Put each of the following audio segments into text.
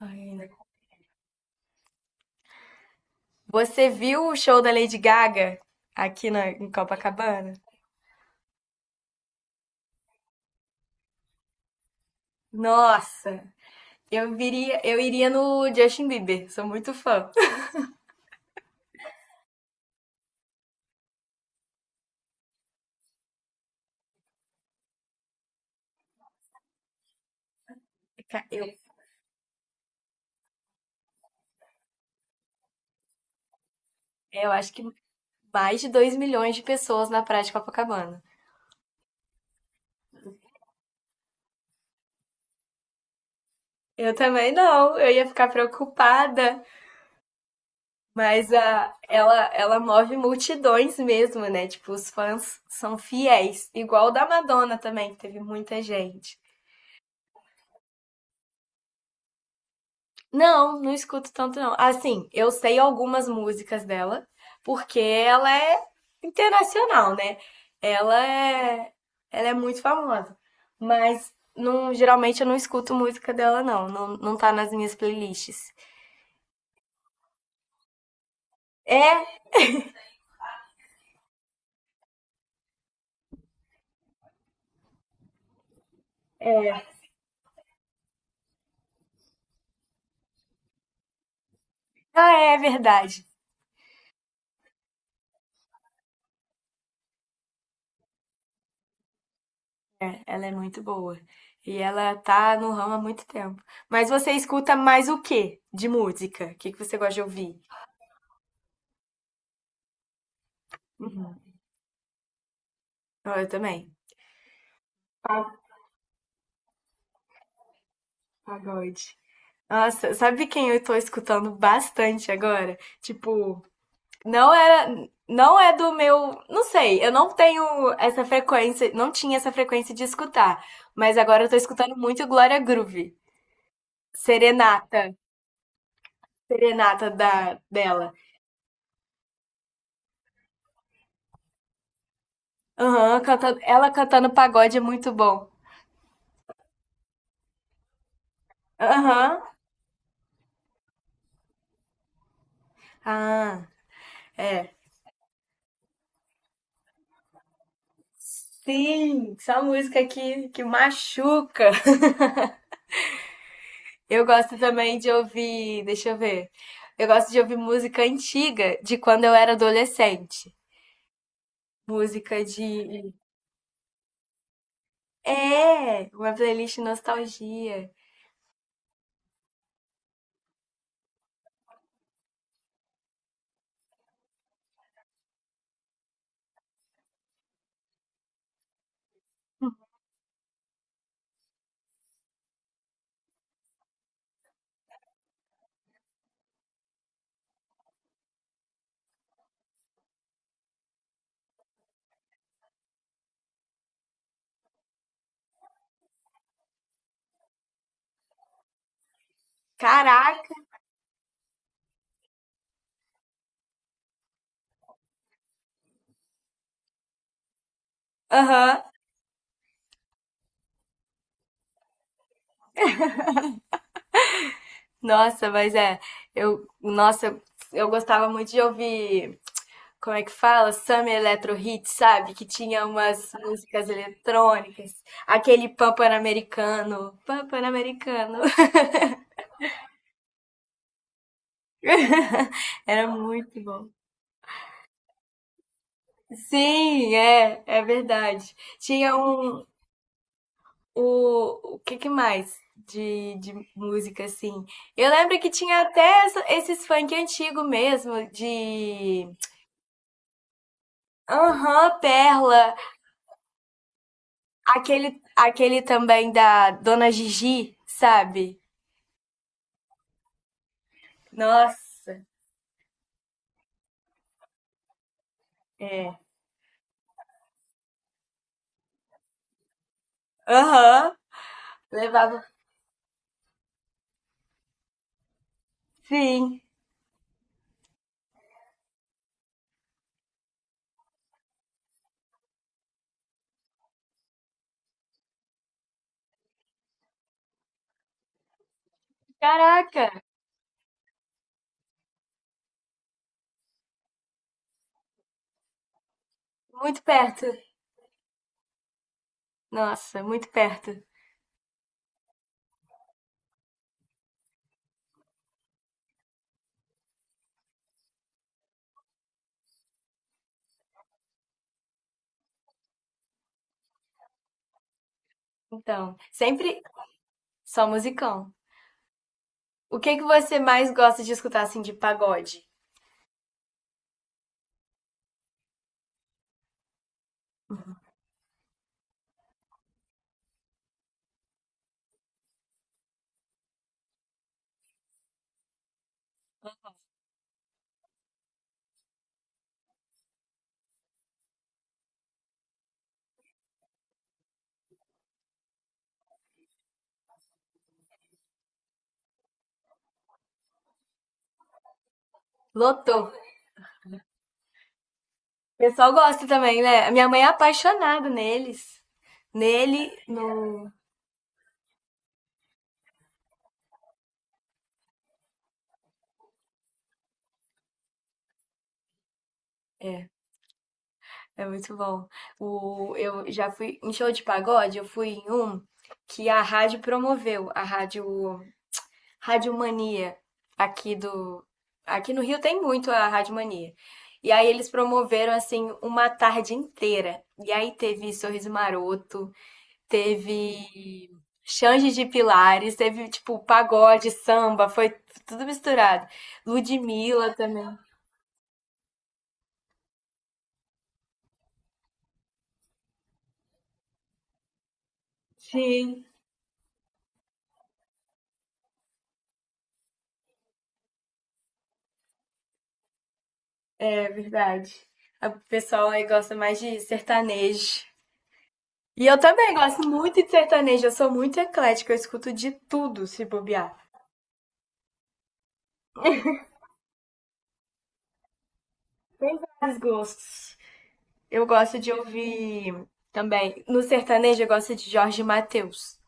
Ai, ainda. Você viu o show da Lady Gaga aqui em Copacabana? Nossa! Eu iria no Justin Bieber, sou muito fã. Ca- Eu, Eu acho que mais de 2 milhões de pessoas na praia de Copacabana. Eu também não, eu ia ficar preocupada, mas ela move multidões mesmo, né? Tipo, os fãs são fiéis, igual o da Madonna também, que teve muita gente. Não, não escuto tanto não. Assim, eu sei algumas músicas dela, porque ela é internacional, né? Ela é, ela é muito famosa. Mas não, geralmente eu não escuto música dela não, não, não tá nas minhas playlists. É, ela é verdade. Ela é muito boa. E ela tá no ramo há muito tempo. Mas você escuta mais o quê de música? O que que você gosta de ouvir? Uhum. Ah, eu também. Pa- Pagode. Nossa, sabe quem eu tô escutando bastante agora? Tipo, não é do meu, não sei, eu não tenho essa frequência, não tinha essa frequência de escutar, mas agora eu tô escutando muito Glória Groove, Serenata, Serenata da dela. Aham, ela cantando pagode é muito bom. Aham. Ah, é. Sim, essa música que machuca. Eu gosto também de ouvir, deixa eu ver. Eu gosto de ouvir música antiga de quando eu era adolescente. Música de. É, uma playlist nostalgia. Caraca! Aham. Nossa, mas é. Eu, nossa, eu gostava muito de ouvir. Como é que fala? Summer Electro Hits, sabe? Que tinha umas músicas eletrônicas. Aquele pan-americano. Pan-americano. Era muito bom. Sim, é, é verdade. O que que mais de música, assim? Eu lembro que tinha até esses funk antigo mesmo, de... Aham, Perla, aquele também da Dona Gigi, sabe? Nossa, é. Aham, levava... Sim. Caraca, muito perto. Nossa, muito perto. Então, sempre só musicão. O que que você mais gosta de escutar, assim, de pagode? Lotou. O pessoal gosta também, né? A minha mãe é apaixonada neles. Nele, no. É, é muito bom. O, eu já fui em show de pagode, eu fui em um que a rádio promoveu, rádio Mania, aqui do. Aqui no Rio tem muito a Rádio Mania. E aí eles promoveram, assim, uma tarde inteira. E aí teve Sorriso Maroto, teve Xande de Pilares, teve tipo pagode, samba, foi tudo misturado. Ludmilla também. Sim, é verdade. O pessoal aí gosta mais de sertanejo. E eu também gosto muito de sertanejo, eu sou muito eclética, eu escuto de tudo, se bobear. Tem vários gostos. Eu gosto de ouvir também. No sertanejo, eu gosto de Jorge Mateus.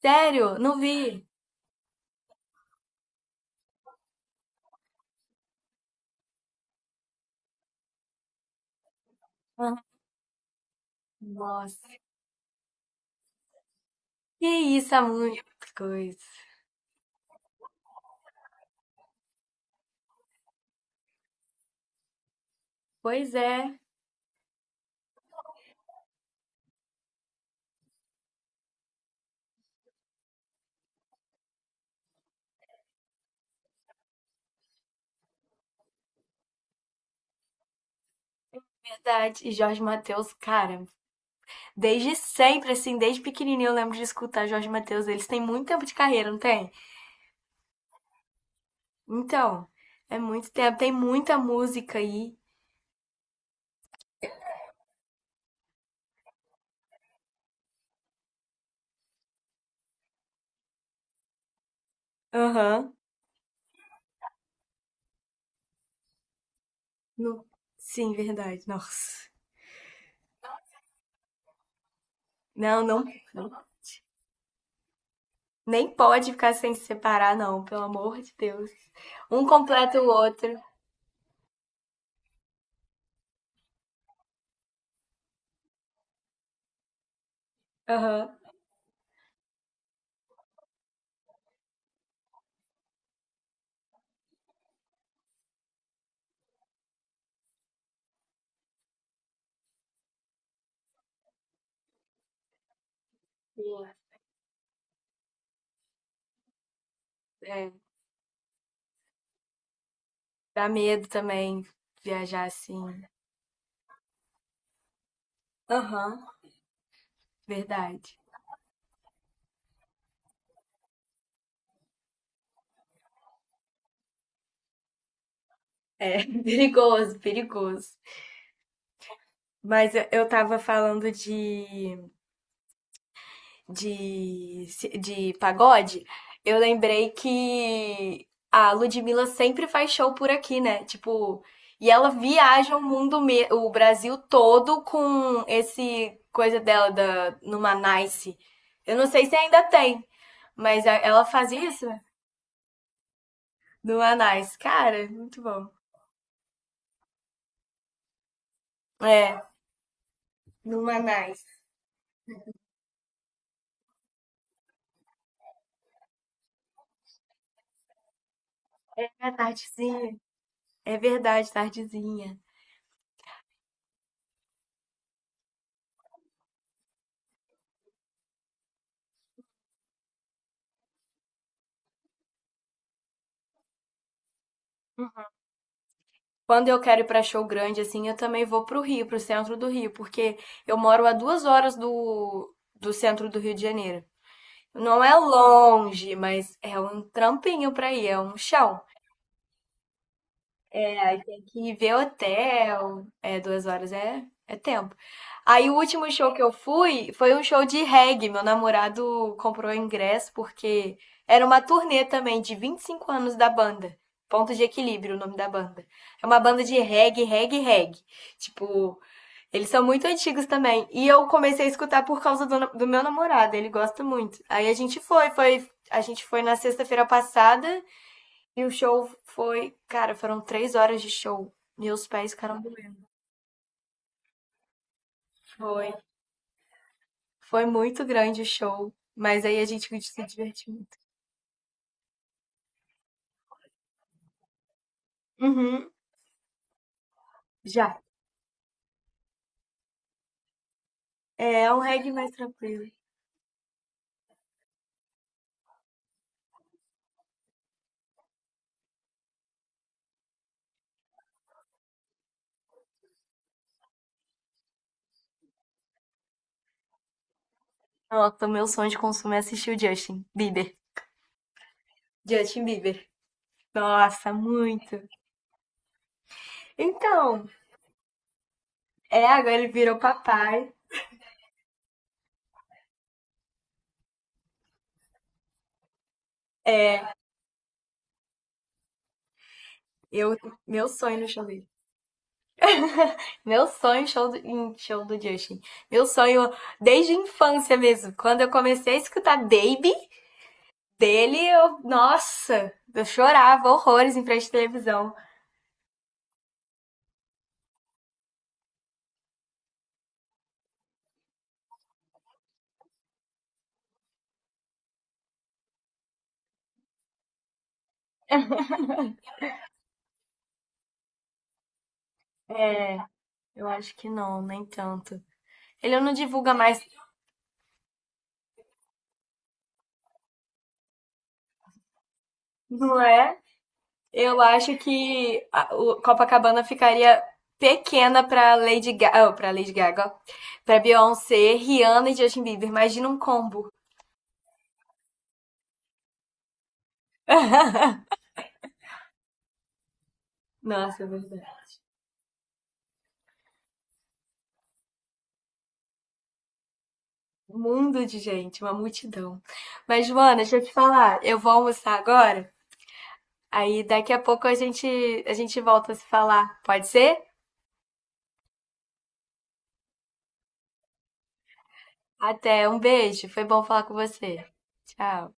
Sério? Não vi. Ah, nossa. Que isso, há muita coisa. Pois é, verdade. E Jorge Mateus, cara, desde sempre, assim, desde pequenininho eu lembro de escutar Jorge Mateus. Eles têm muito tempo de carreira, não tem? Então, é muito tempo. Tem muita música aí. Aham. No- Sim, verdade. Nossa. Não, não, não. Nem pode ficar sem se separar, não, pelo amor de Deus. Um completa o outro. Aham. É, dá medo também viajar assim. Aham. Verdade. É, perigoso, perigoso. Mas eu tava falando de, de pagode, eu lembrei que a Ludmilla sempre faz show por aqui, né? Tipo, e ela viaja o mundo, o Brasil todo com esse coisa dela da, numa Nice. Eu não sei se ainda tem, mas ela fazia isso né? Numa Nice. Cara, muito bom. É, numa Nice. É tardezinha. É verdade, tardezinha. Quando eu quero ir pra show grande, assim, eu também vou pro Rio, pro centro do Rio, porque eu moro a 2 horas do centro do Rio de Janeiro. Não é longe, mas é um trampinho pra ir, é um chão. Aí tem que ver hotel. É, 2 horas é, é tempo. Aí o último show que eu fui foi um show de reggae. Meu namorado comprou o ingresso porque era uma turnê também de 25 anos da banda. Ponto de Equilíbrio, o nome da banda. É uma banda de reggae. Tipo, eles são muito antigos também. E eu comecei a escutar por causa do meu namorado, ele gosta muito. Aí a gente a gente foi na sexta-feira passada e o show foi, cara, foram 3 horas de show. Meus pés ficaram doendo. Foi. Foi muito grande o show. Mas aí a gente se divertiu muito. Uhum, já. É é um reggae mais tranquilo. Nossa, o meu sonho de consumo é assistir o Justin Bieber. Justin Bieber. Nossa, muito. Então, é, agora ele virou papai. Eu, meu sonho no show dele. Meu sonho show do, em show do Justin. Meu sonho desde a infância mesmo. Quando eu comecei a escutar Baby, dele, eu, nossa, eu chorava horrores em frente à televisão. É, eu acho que não, nem tanto. Ele não divulga mais, não é? Eu acho que a, o Copacabana ficaria pequena para Lady Gaga, oh, para Lady Gaga, para Beyoncé, Rihanna e Justin Bieber. Imagina um combo. Nossa, é verdade. Um mundo de gente, uma multidão. Mas Joana, deixa eu te falar, eu vou almoçar agora. Aí daqui a pouco a gente volta a se falar. Pode ser? Até, um beijo. Foi bom falar com você. Tchau.